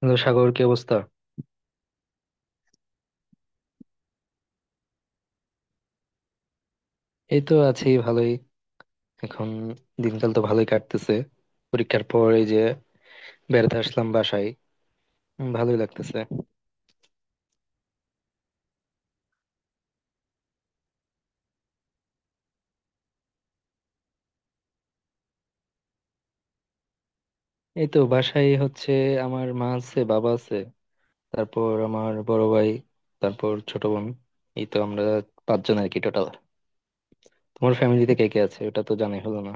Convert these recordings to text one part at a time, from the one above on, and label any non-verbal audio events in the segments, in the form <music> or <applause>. Hello Sagar, কি অবস্থা? এই তো আছি ভালোই। এখন দিনকাল তো ভালোই কাটতেছে। পরীক্ষার পর এই যে বেড়াতে আসলাম বাসায়। ভালোই লাগতেছে। এই তো বাসায় হচ্ছে আমার মা আছে, বাবা আছে, তারপর আমার বড় ভাই, তারপর ছোট বোন। এই তো আমরা 5 জন আর কি টোটাল। তোমার ফ্যামিলিতে কে কে আছে, ওটা তো জানাই হলো না।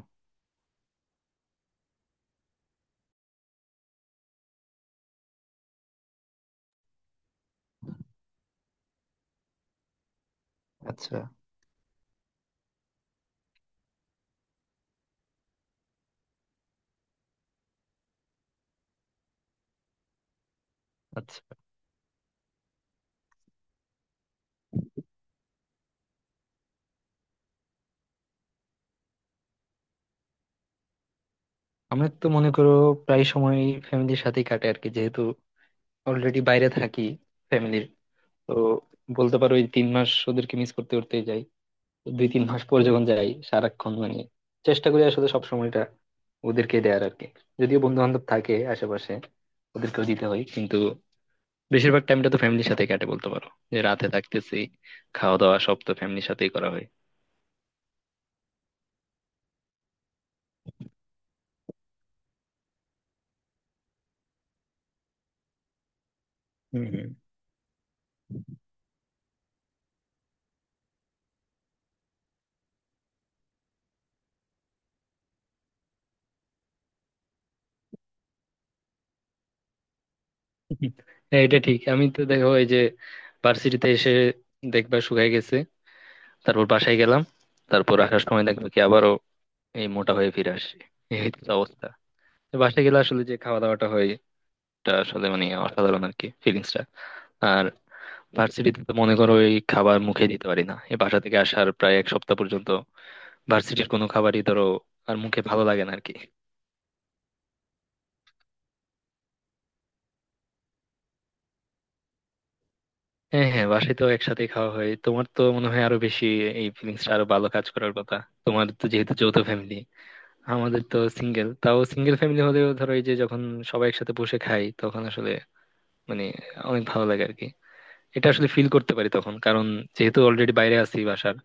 আচ্ছা আচ্ছা। আমার তো মনে করো প্রায় সময় ফ্যামিলির সাথেই কাটে আর কি, যেহেতু অলরেডি বাইরে থাকি ফ্যামিলির। তো বলতে পারো এই 3 মাস ওদেরকে মিস করতে করতেই যাই। দুই তিন মাস পর যখন যাই সারাক্ষণ মানে চেষ্টা করি আসলে সব সময়টা ওদেরকে দেয়ার আর কি। যদিও বন্ধু বান্ধব থাকে আশেপাশে, ওদেরকেও দিতে হয়, কিন্তু বেশিরভাগ টাইমটা তো ফ্যামিলির সাথে কাটে। বলতে পারো যে রাতে থাকতেছি, খাওয়া দাওয়া সব তো ফ্যামিলির সাথেই করা হয়। হম হম। হ্যাঁ এটা ঠিক, আমি তো দেখো এই যে ভার্সিটিতে এসে দেখবা শুকায় গেছে, তারপর বাসায় গেলাম, তারপর আসার সময় দেখবো কি আবারও এই মোটা হয়ে ফিরে আসি। এই হচ্ছে অবস্থা। তো বাসায় গেলে আসলে যে খাওয়া দাওয়াটা হয়, এটা আসলে মানে অসাধারণ আর কি ফিলিংসটা। আর ভার্সিটিতে তো মনে করো এই খাবার মুখে দিতে পারি না এই বাসা থেকে আসার প্রায় এক সপ্তাহ পর্যন্ত। ভার্সিটির কোনো খাবারই ধরো আর মুখে ভালো লাগে না আর কি। হ্যাঁ হ্যাঁ, বাসায় তো একসাথে খাওয়া হয়। তোমার তো মনে হয় আরো বেশি এই ফিলিংসটা আরো ভালো কাজ করার কথা। তোমার তো যেহেতু যৌথ ফ্যামিলি, আমাদের তো সিঙ্গেল। তাও সিঙ্গেল ফ্যামিলি হলেও ধরো এই যে যখন সবাই একসাথে বসে খাই তখন আসলে মানে অনেক ভালো লাগে আর কি। এটা আসলে ফিল করতে পারি তখন, কারণ যেহেতু অলরেডি বাইরে আছি বাসার,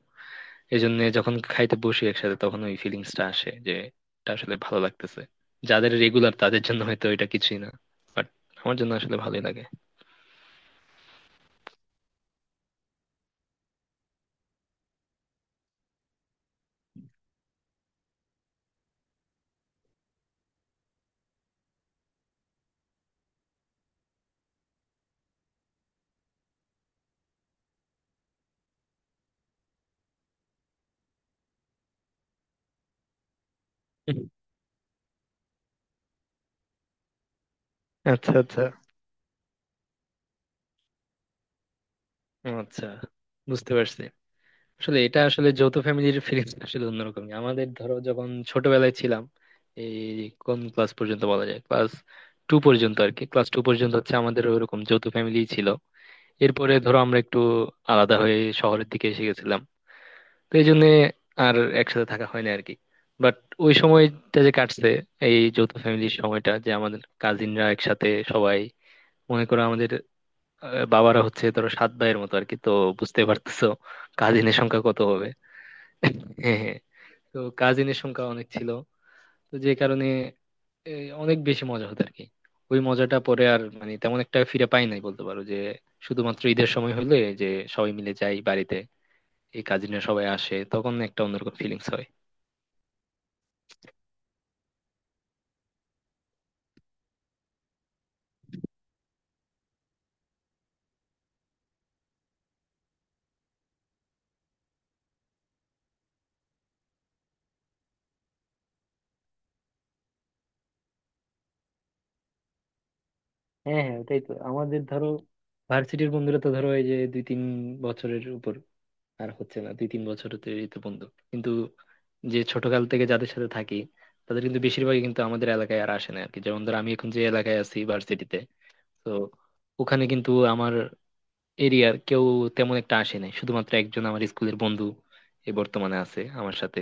এই জন্য যখন খাইতে বসি একসাথে তখন ওই ফিলিংসটা আসে যে এটা আসলে ভালো লাগতেছে। যাদের রেগুলার তাদের জন্য হয়তো এটা কিছুই না, বাট আমার জন্য আসলে ভালোই লাগে। আচ্ছা আচ্ছা। ও আচ্ছা, বুঝতে পারছি। আসলে এটা আসলে যৌথ ফ্যামিলির ফিলিংস আসলে অন্যরকমই। আমাদের ধরো যখন ছোটবেলায় ছিলাম, এই কোন ক্লাস পর্যন্ত বলা যায়, ক্লাস টু পর্যন্ত আর কি। ক্লাস টু পর্যন্ত হচ্ছে আমাদের ওইরকম যৌথ ফ্যামিলি ছিল। এরপরে ধরো আমরা একটু আলাদা হয়ে শহরের দিকে এসে গেছিলাম। তো এই জন্য আর একসাথে থাকা হয় না আর কি। বাট ওই সময়টা যে কাটছে এই যৌথ ফ্যামিলির সময়টা, যে আমাদের কাজিনরা একসাথে সবাই, মনে করো আমাদের বাবারা হচ্ছে ধরো 7 ভাইয়ের মতো আর কি। তো বুঝতে পারতেছো কাজিনের সংখ্যা কত হবে। হ্যাঁ হ্যাঁ, তো কাজিনের সংখ্যা অনেক ছিল। তো যে কারণে এ, অনেক বেশি মজা হতো আর কি। ওই মজাটা পরে আর মানে তেমন একটা ফিরে পাই নাই। বলতে পারো যে শুধুমাত্র ঈদের সময় হলে যে সবাই মিলে যাই বাড়িতে, এই কাজিনরা সবাই আসে, তখন একটা অন্যরকম ফিলিংস হয়। হ্যাঁ হ্যাঁ, ওটাই তো আমাদের। ধরো ভার্সিটির বন্ধুরা তো ধরো এই যে দুই তিন বছরের উপর আর হচ্ছে না, দুই তিন বছরের এই তো বন্ধু। কিন্তু যে ছোটকাল থেকে যাদের সাথে থাকি, তাদের কিন্তু বেশিরভাগই কিন্তু আমাদের এলাকায় আর আসে না আর কি। যেমন ধর আমি এখন যে এলাকায় আছি ভার্সিটিতে, তো ওখানে কিন্তু আমার এরিয়ার কেউ তেমন একটা আসে নাই। শুধুমাত্র একজন আমার স্কুলের বন্ধু এ বর্তমানে আছে আমার সাথে।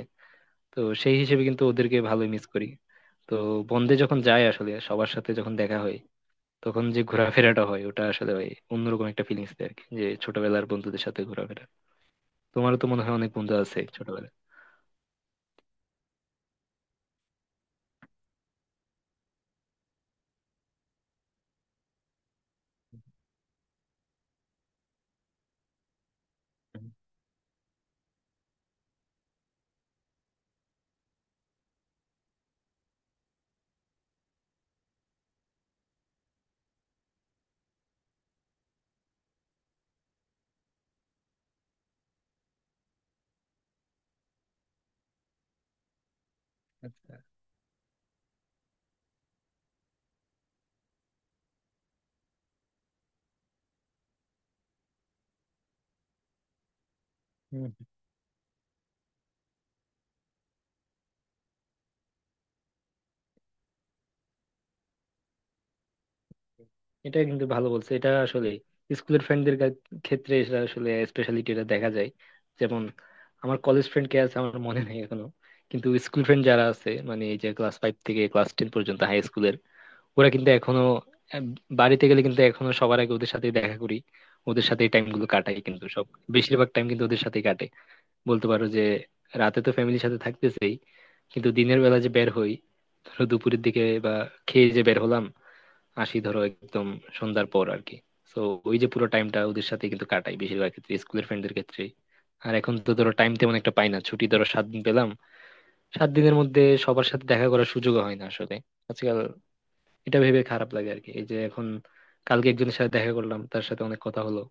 তো সেই হিসেবে কিন্তু ওদেরকে ভালোই মিস করি। তো বন্ধে যখন যাই আসলে সবার সাথে যখন দেখা হয় তখন যে ঘোরাফেরাটা হয় ওটা আসলে ভাই অন্যরকম একটা ফিলিংস দেয় আর কি, যে ছোটবেলার বন্ধুদের সাথে ঘোরাফেরা। তোমারও তো মনে হয় অনেক বন্ধু আছে ছোটবেলায়। হুম, আচ্ছা, হম। এটা কিন্তু ভালো বলছে, এটা আসলে স্কুলের ফ্রেন্ডদের ক্ষেত্রে এটা আসলে স্পেশালিটি এটা দেখা যায়। যেমন আমার কলেজ ফ্রেন্ড কে আছে আমার মনে নেই এখনো, কিন্তু স্কুল ফ্রেন্ড যারা আছে মানে এই যে ক্লাস ফাইভ থেকে ক্লাস টেন পর্যন্ত হাই স্কুলের, ওরা কিন্তু এখনো আহ, বাড়িতে গেলে কিন্তু এখনো সবার আগে ওদের সাথে দেখা করি, ওদের সাথে টাইম গুলো কাটাই। কিন্তু সব বেশিরভাগ টাইম কিন্তু ওদের সাথে কাটে। বলতে পারো যে রাতে তো ফ্যামিলির সাথে থাকতেছেই, কিন্তু দিনের বেলা যে বের হই ধরো দুপুরের দিকে বা খেয়ে যে বের হলাম, আসি ধরো একদম সন্ধ্যার পর আর কি। তো ওই যে পুরো টাইমটা ওদের সাথে কিন্তু কাটাই বেশিরভাগ ক্ষেত্রে স্কুলের ফ্রেন্ডদের ক্ষেত্রে। আর এখন তো ধরো টাইম তেমন একটা পাই না। ছুটি ধরো 7 দিন পেলাম, 7 দিনের মধ্যে সবার সাথে দেখা করার সুযোগ হয় না আসলে আজকাল। এটা ভেবে খারাপ লাগে আর কি এই যে এখন কালকে একজনের সাথে দেখা করলাম, তার সাথে অনেক কথা হলো,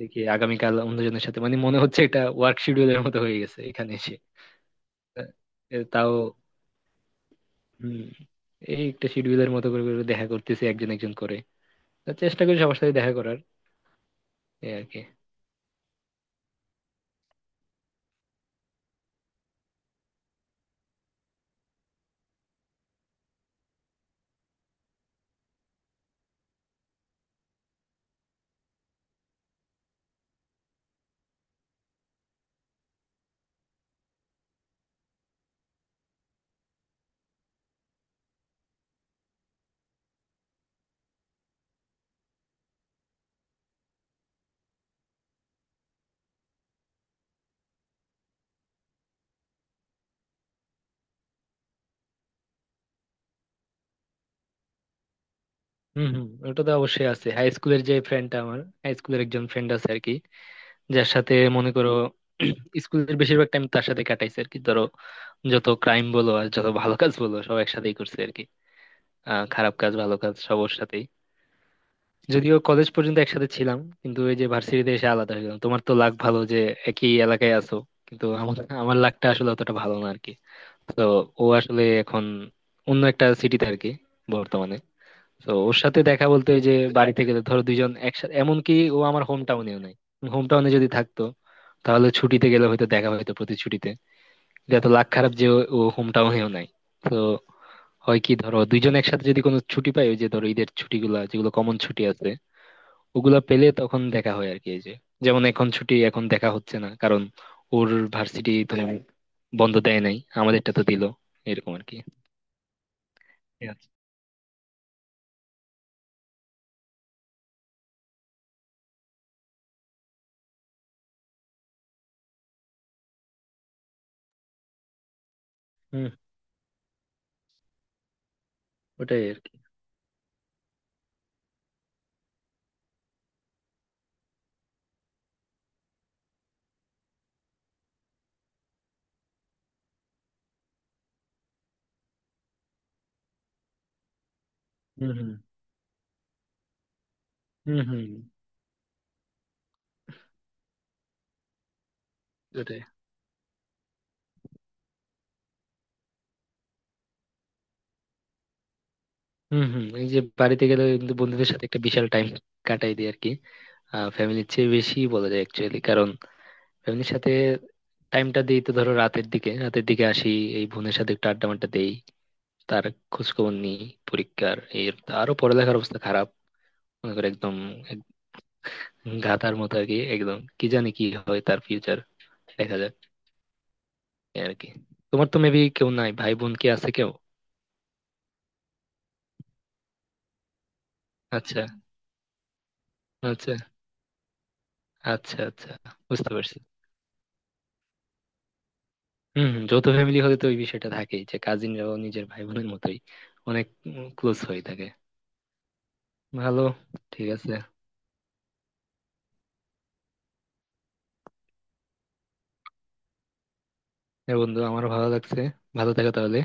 দেখি আগামীকাল অন্যজনের সাথে। মানে মনে হচ্ছে এটা ওয়ার্ক শিডিউলের মতো হয়ে গেছে এখানে এসে। এ তাও হম। এই একটা শিডিউলের মতো করে করে দেখা করতেছি একজন একজন করে। তা চেষ্টা করি সবার সাথে দেখা করার, এই আর কি। হম হম, ওটা তো অবশ্যই আছে। হাই স্কুলের যে ফ্রেন্ডটা, আমার হাই স্কুলের একজন ফ্রেন্ড আছে আর কি, যার সাথে মনে করো <clears throat> স্কুলের বেশিরভাগ টাইম তার সাথে কাটাইছে আর কি। ধরো যত ক্রাইম বলো আর যত ভালো কাজ বলো সব একসাথেই করছে আর কি। আহ, খারাপ কাজ ভালো কাজ সব ওর সাথেই। যদিও কলেজ পর্যন্ত একসাথে ছিলাম, কিন্তু ওই যে ভার্সিটিতে এসে আলাদা হয়ে গেলাম। তোমার তো লাক ভালো যে একই এলাকায় আছো, কিন্তু আমার আমার লাকটা আসলে অতটা ভালো না আর কি। তো ও আসলে এখন অন্য একটা সিটিতে আর কি বর্তমানে। তো ওর সাথে দেখা বলতে ওই যে বাড়ি থেকে ধরো 2 জন একসাথে। এমনকি ও আমার হোম টাউনেও নাই। হোম টাউনে যদি থাকতো তাহলে ছুটিতে গেলে হয়তো দেখা, হয়তো প্রতি ছুটিতে। এটা তো লাখ খারাপ যে ও হোম টাউনেও নাই। তো হয় কি ধরো 2 জন একসাথে যদি কোনো ছুটি পাই, ওই যে ধরো ঈদের ছুটিগুলা যেগুলো কমন ছুটি আছে ওগুলা পেলে তখন দেখা হয় আর কি। এই যে যেমন এখন ছুটি এখন দেখা হচ্ছে না, কারণ ওর ভার্সিটি তো বন্ধ দেয় নাই, আমাদেরটা তো দিল। এরকম আর কি। হুম। ওটাই আর কি। হুম হুম। হুম হুম, ওটাই। হুম হুম, এই যে বাড়িতে গেলে কিন্তু বন্ধুদের সাথে একটা বিশাল টাইম কাটাই দিই আর কি। আহ, ফ্যামিলির চেয়ে বেশি বলা যায় অ্যাকচুয়ালি। কারণ ফ্যামিলির সাথে টাইমটা দিই তো ধরো রাতের দিকে আসি, এই বোনের সাথে একটু আড্ডা মাড্ডা দেই, তার খোঁজ খবর নিই। পরীক্ষার এর আরো পড়ালেখার অবস্থা খারাপ। মনে করো একদম এক- গাধার মতো আর কি একদম। কি জানি কি হয় তার ফিউচার, দেখা যাক, এই আর কি। তোমার তো মেবি কেউ নাই, ভাই বোন কি আছে কেউ? আচ্ছা আচ্ছা। আচ্ছা আচ্ছা, বুঝতে পারছি। হম হম, যৌথ ফ্যামিলি হলে তো ওই বিষয়টা থাকেই যে কাজিনরাও নিজের ভাই বোনের মতোই অনেক ক্লোজ হয়ে থাকে। ভালো। ঠিক আছে। হ্যাঁ বন্ধু, আমারও ভালো লাগছে। ভালো থাকো তাহলে।